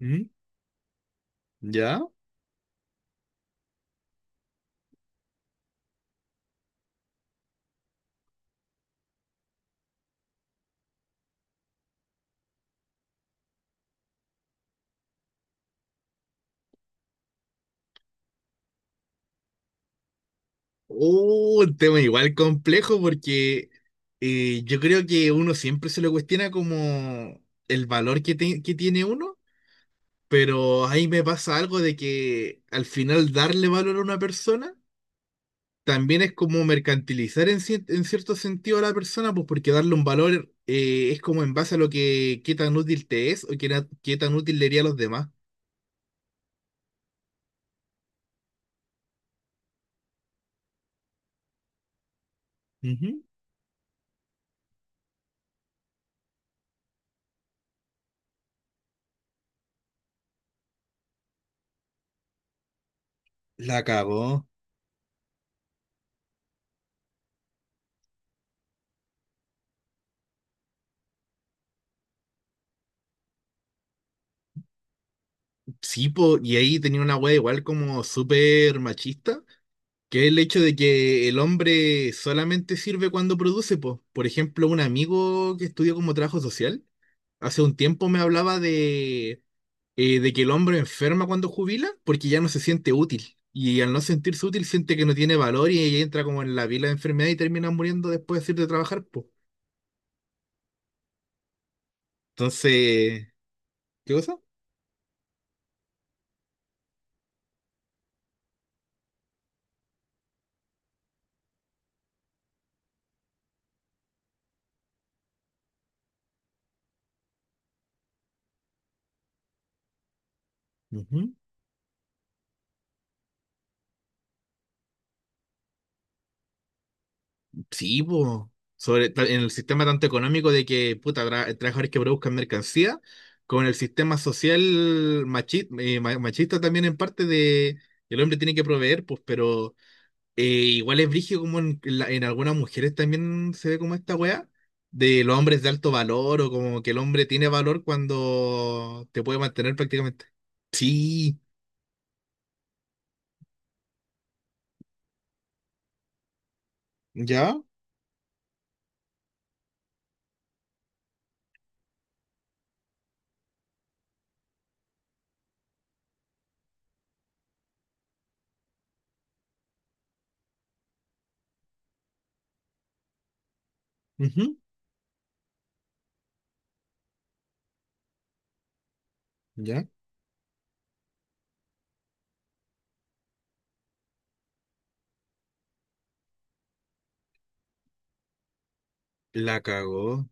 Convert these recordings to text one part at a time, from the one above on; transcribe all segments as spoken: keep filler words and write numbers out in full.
¿Mm? ¿Ya? Oh, un tema igual complejo porque eh, yo creo que uno siempre se lo cuestiona como el valor que, te- que tiene uno, pero ahí me pasa algo de que al final darle valor a una persona también es como mercantilizar en, cier- en cierto sentido a la persona, pues porque darle un valor eh, es como en base a lo que qué tan útil te es o qué, na- qué tan útil le haría a los demás. Ujú. La cagó. Sí, po, y ahí tenía una wea igual como súper machista, que es el hecho de que el hombre solamente sirve cuando produce, po. Por ejemplo, un amigo que estudió como trabajo social, hace un tiempo me hablaba de, eh, de que el hombre enferma cuando jubila porque ya no se siente útil. Y al no sentirse útil, siente que no tiene valor y entra como en la pila de enfermedad y termina muriendo después de ir de trabajar, po. Entonces, ¿qué cosa? Ujú. Sí, po. Sobre, ta- en el sistema tanto económico de que, puta, tra- trabajadores que produzcan mercancía, con el sistema social machi- eh, ma- machista también en parte de: el hombre tiene que proveer, pues. Pero eh, igual es brígido como en, la- en algunas mujeres también se ve como esta weá, de los hombres de alto valor o como que el hombre tiene valor cuando te puede mantener prácticamente. Sí, ya, ujú, ya, la cagó.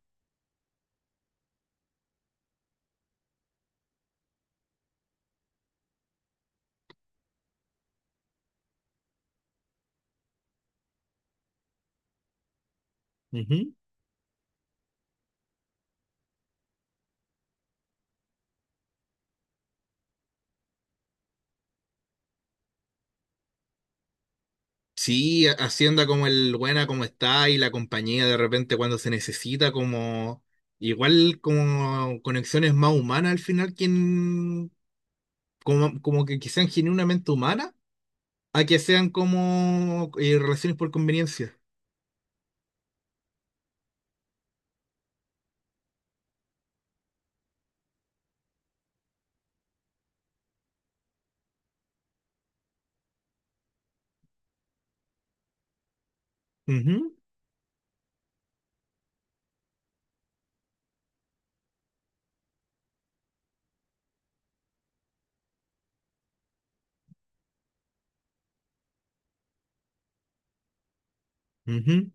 Ujú. Sí, ha- hacienda como el buena como está, y la compañía de repente cuando se necesita, como igual como conexiones más humanas al final quien como, como que, que sean genuinamente humanas, a que sean como eh, relaciones por conveniencia. Ujú, ujú.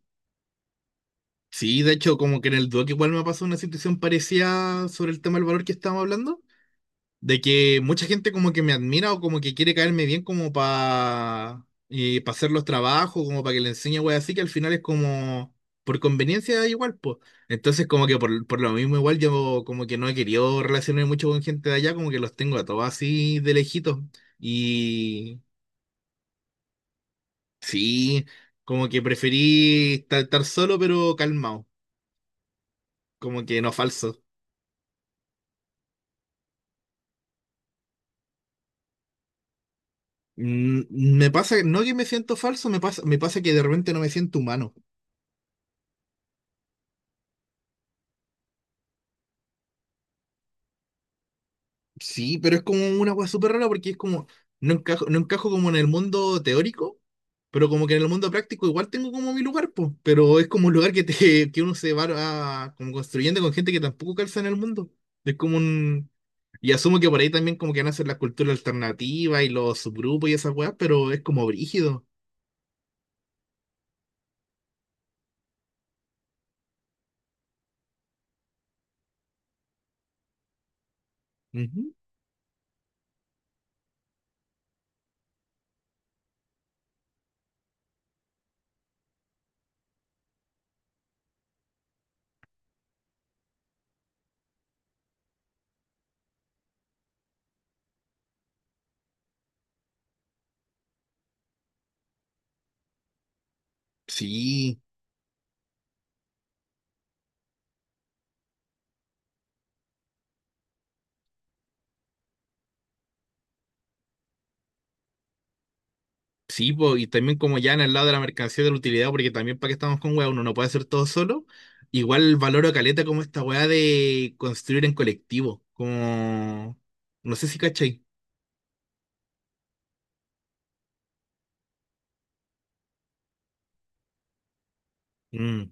Sí, de hecho como que en el Duoc igual me pasó una situación parecida sobre el tema del valor que estábamos hablando, de que mucha gente como que me admira o como que quiere caerme bien como para hacer los trabajos, como para que le enseñe, güey, así que al final es como por conveniencia igual, pues. Entonces como que por, por lo mismo igual yo como que no he querido relacionarme mucho con gente de allá, como que los tengo a todos así de lejitos. Y sí, como que preferí estar, estar solo pero calmado, como que no falso. Mm, me pasa, no que me siento falso, me pasa, me pasa que de repente no me siento humano. Sí, pero es como una cosa súper rara porque es como, no encajo, no encajo como en el mundo teórico, pero como que en el mundo práctico igual tengo como mi lugar, pues, pero es como un lugar que, te, que uno se va a- como construyendo con gente que tampoco calza en el mundo. Es como un... Y asumo que por ahí también como que nacen las culturas alternativas y los subgrupos y esas weas, pero es como brígido. Ujú. Sí. Sí, po, y también como ya en el lado de la mercancía de la utilidad, porque también para qué estamos con weá, uno no puede hacer todo solo. Igual valoro caleta como esta weá de construir en colectivo, como... No sé si cachai. Mm.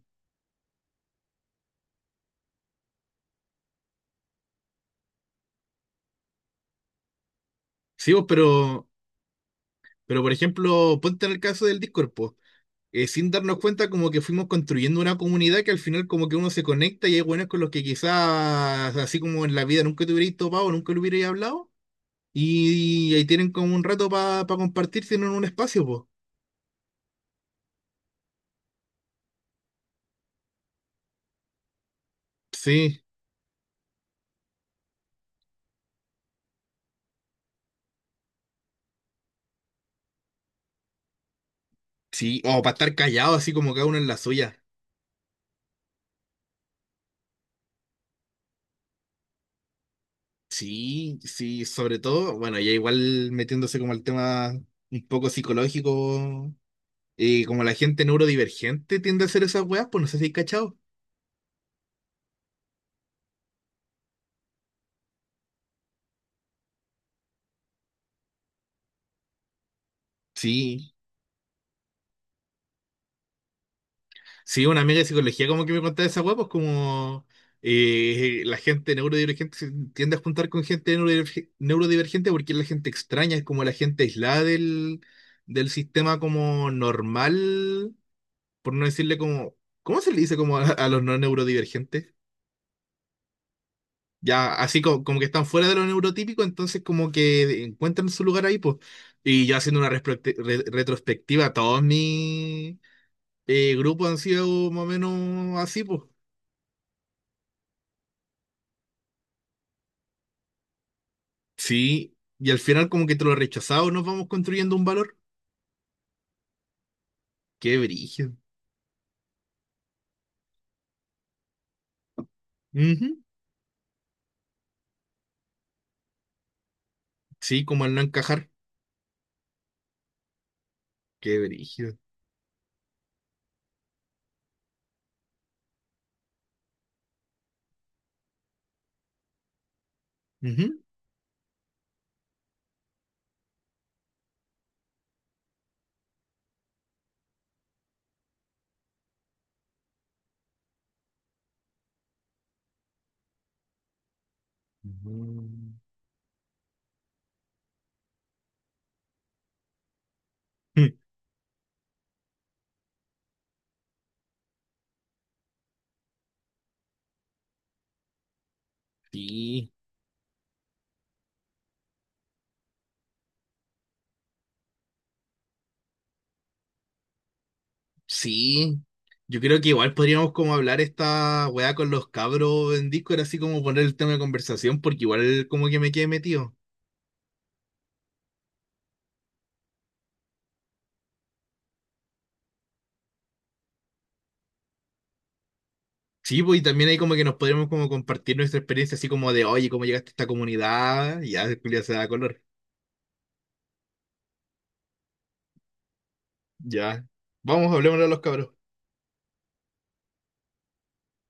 Sí, vos, pero, pero por ejemplo, ponte en el caso del Discord, po. Eh, sin darnos cuenta como que fuimos construyendo una comunidad que al final como que uno se conecta y hay buenos con los que quizás así como en la vida nunca te hubierais topado, nunca lo hubierais hablado. Y ahí tienen como un rato para compartir, tienen un espacio, pues. Sí. Sí, o para estar callado, así como cada uno en la suya. Sí, sí, sobre todo, bueno, ya igual metiéndose como al tema un poco psicológico, y como la gente neurodivergente tiende a hacer esas weas, pues no sé si hay cachado. Sí, sí, una amiga de psicología como que me contaba esa wea, pues como eh, la gente neurodivergente se tiende a juntar con gente neurodiverge- neurodivergente porque es la gente extraña, es como la gente aislada del, del sistema como normal, por no decirle como, ¿cómo se le dice como a, a los no neurodivergentes? Ya, así co- como, que están fuera de lo neurotípico, entonces como que encuentran su lugar ahí, pues. Y yo haciendo una respecti- re- retrospectiva, todos mis eh, grupos han sido más o menos así, pues. Sí, y al final como que entre los rechazados nos vamos construyendo un valor. Qué brígido. Ujú. Sí, como al no encajar. Qué brígido. Ujú. Mm. Sí. Sí, yo creo que igual podríamos como hablar esta weá con los cabros en Discord, así como poner el tema de conversación, porque igual como que me quedé metido. Sí, pues y también hay como que nos podríamos como compartir nuestra experiencia, así como de, oye, ¿cómo llegaste a esta comunidad? Y ya, Julia se da color. Ya. Vamos, hablemos a los cabros.